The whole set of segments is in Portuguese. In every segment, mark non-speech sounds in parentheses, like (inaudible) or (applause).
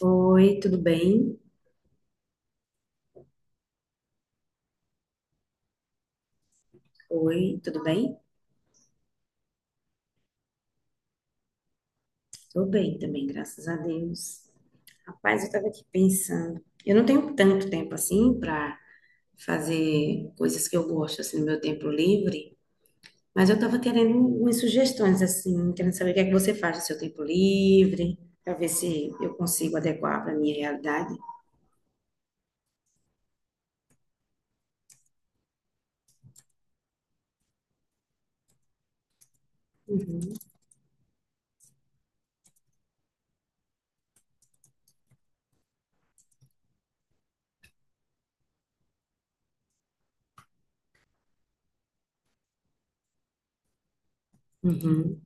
Oi, tudo bem? Oi, tudo bem? Tô bem também, graças a Deus. Rapaz, eu tava aqui pensando. Eu não tenho tanto tempo assim para fazer coisas que eu gosto assim no meu tempo livre, mas eu tava querendo umas sugestões assim, querendo saber o que é que você faz no seu tempo livre, para ver se eu consigo adequar para minha realidade. Uhum,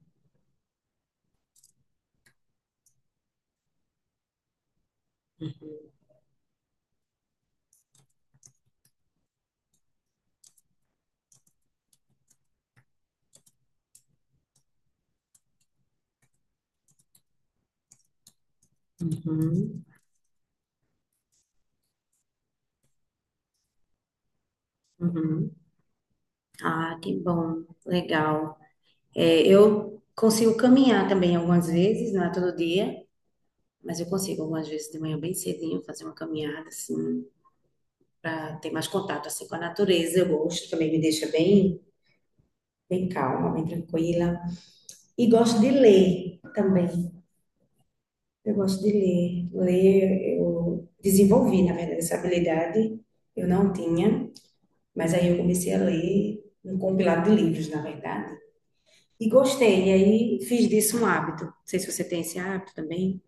uhum, uhum. Ah, que bom, legal. É, eu consigo caminhar também algumas vezes, não é todo dia. Mas eu consigo algumas vezes de manhã bem cedinho fazer uma caminhada assim para ter mais contato assim com a natureza. Eu gosto, também me deixa bem, bem calma, bem tranquila. E gosto de ler também. Eu gosto de ler. Ler eu desenvolvi, na verdade, essa habilidade. Eu não tinha, mas aí eu comecei a ler um compilado de livros, na verdade. E gostei, e aí fiz disso um hábito. Não sei se você tem esse hábito também.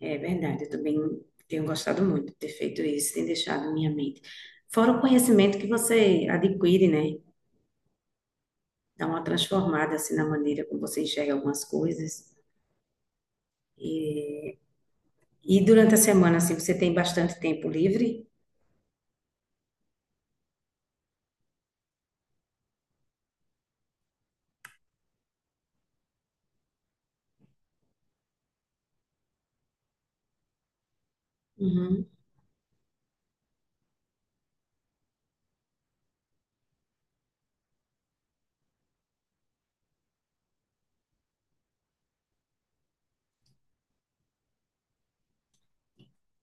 É verdade, eu também tenho gostado muito de ter feito isso, tem deixado minha mente. Fora o conhecimento que você adquire, né? Dá uma transformada assim na maneira como você enxerga algumas coisas. E, e durante a semana, assim, você tem bastante tempo livre? Uhum.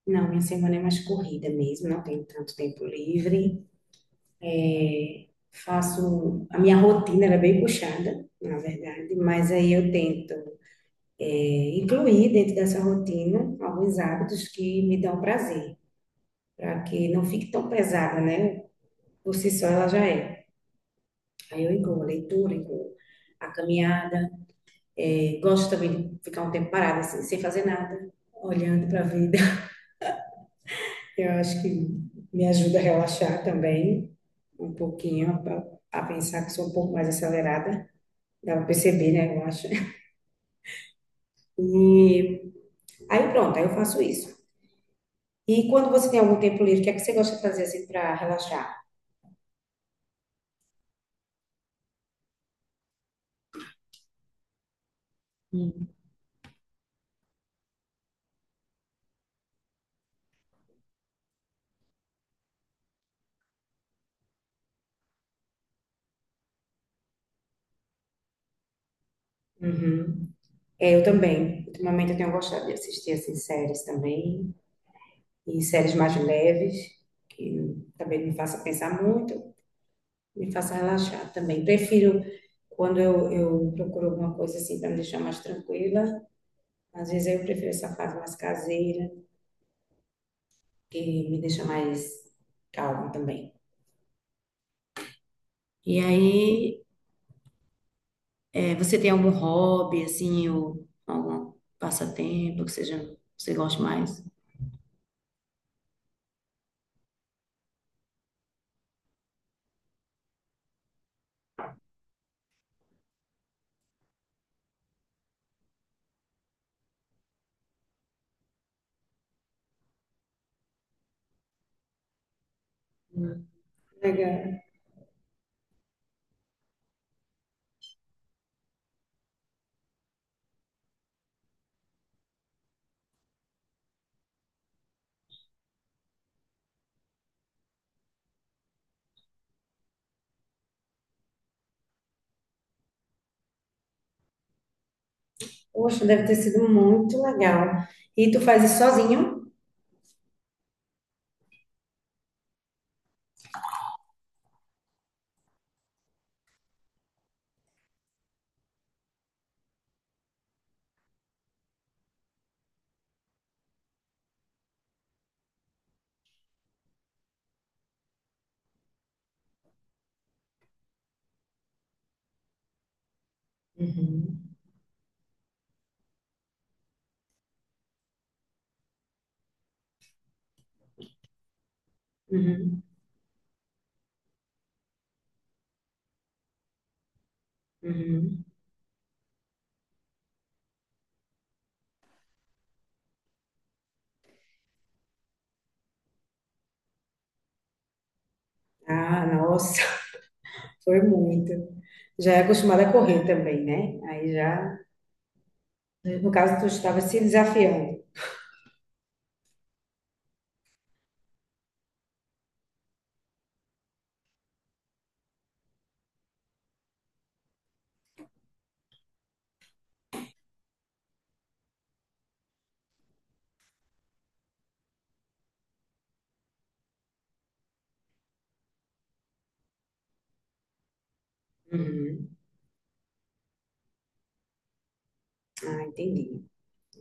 Não, minha semana é mais corrida mesmo, não tenho tanto tempo livre. É, faço, a minha rotina era bem puxada, na verdade, mas aí eu tento. é, Incluir dentro dessa rotina alguns hábitos que me dão prazer, para que não fique tão pesada, né? Por si só ela já é. Aí eu incluo a leitura, incluo a caminhada, é, gosto também de ficar um tempo parada, assim, sem fazer nada, olhando para a vida. (laughs) Eu acho que me ajuda a relaxar também um pouquinho, a pensar que sou um pouco mais acelerada, dá para perceber, né? Eu acho. (laughs) E aí pronto, aí eu faço isso. E quando você tem algum tempo livre, o que é que você gosta de fazer assim para relaxar? Uhum. É, eu também. Ultimamente eu tenho gostado de assistir assim séries também, e séries mais leves, que também não me faça pensar muito, me faça relaxar também. Prefiro quando eu procuro alguma coisa assim para me deixar mais tranquila, às vezes eu prefiro essa fase mais caseira, que me deixa mais calma também. E aí é, você tem algum hobby, assim, ou algum passatempo que seja, você goste mais? Legal. Poxa, deve ter sido muito legal. E tu faz isso sozinho? Uhum, uhum, uhum. Ah, nossa, (laughs) foi muito. Já é acostumada a correr também, né? Aí já, no caso, tu estava se desafiando. Uhum. Ah, entendi.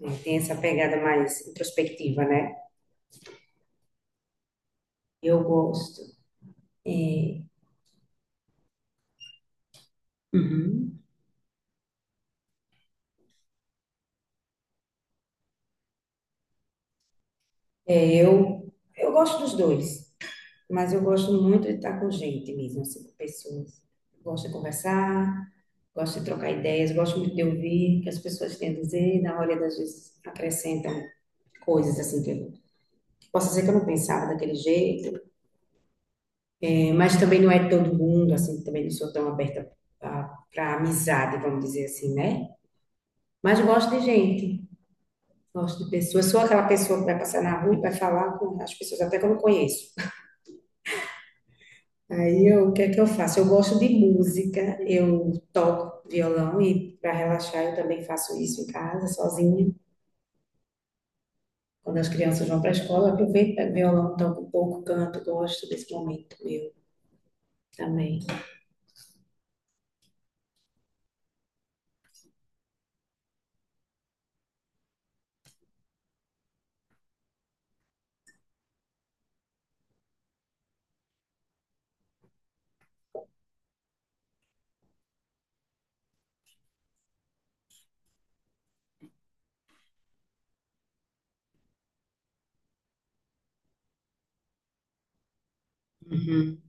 É, tem essa pegada mais introspectiva, né? Eu gosto. É, uhum. Eu gosto dos dois, mas eu gosto muito de estar com gente mesmo, assim, com pessoas. Gosto de conversar, gosto de trocar ideias, gosto muito de ouvir o que as pessoas têm a dizer, e na hora das vezes acrescentam coisas assim que eu posso dizer que eu não pensava daquele jeito, mas também não é todo mundo, assim, também não sou tão aberta para amizade, vamos dizer assim, né? Mas gosto de gente, gosto de pessoas, sou aquela pessoa que vai passar na rua e vai falar com as pessoas até que eu não conheço. Aí eu, o que é que eu faço? Eu gosto de música, eu toco violão e para relaxar eu também faço isso em casa, sozinha. Quando as crianças vão para a escola, eu aproveito, pego violão, toco um pouco, canto, gosto desse momento meu também. Uhum,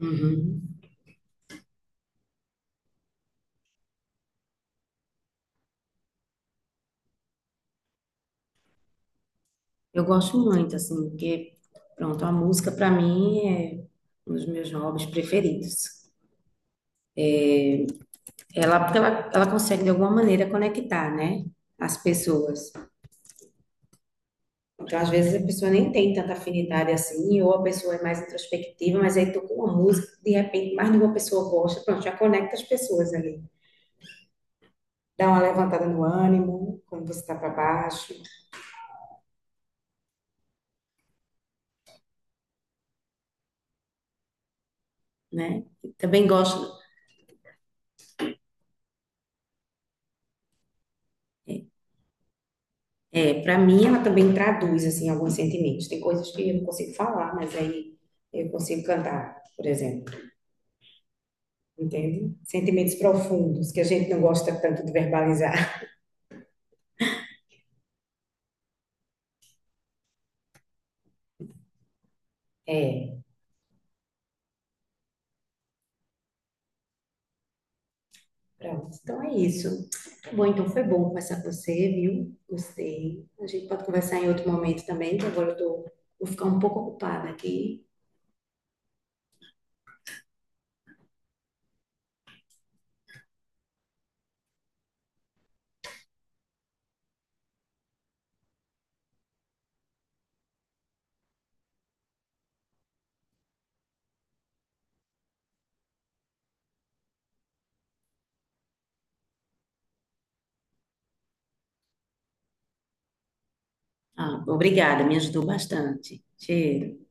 uhum. Eu gosto muito, assim, porque, pronto, a música para mim é um dos meus hobbies preferidos. Ela, porque ela consegue, de alguma maneira, conectar, né, as pessoas. Então, às vezes a pessoa nem tem tanta afinidade assim, ou a pessoa é mais introspectiva, mas aí toca uma música, que, de repente mais de uma pessoa gosta, pronto, já conecta as pessoas ali. Dá uma levantada no ânimo, quando você está para baixo, né? Também gosto, é, para mim ela também traduz assim alguns sentimentos. Tem coisas que eu não consigo falar, mas aí eu consigo cantar, por exemplo. Entende? Sentimentos profundos que a gente não gosta tanto de verbalizar. É. Pronto, então é isso. Muito bom, então foi bom conversar com você, viu? Gostei. A gente pode conversar em outro momento também, que agora eu tô, vou ficar um pouco ocupada aqui. Ah, obrigada, me ajudou bastante. Cheiro.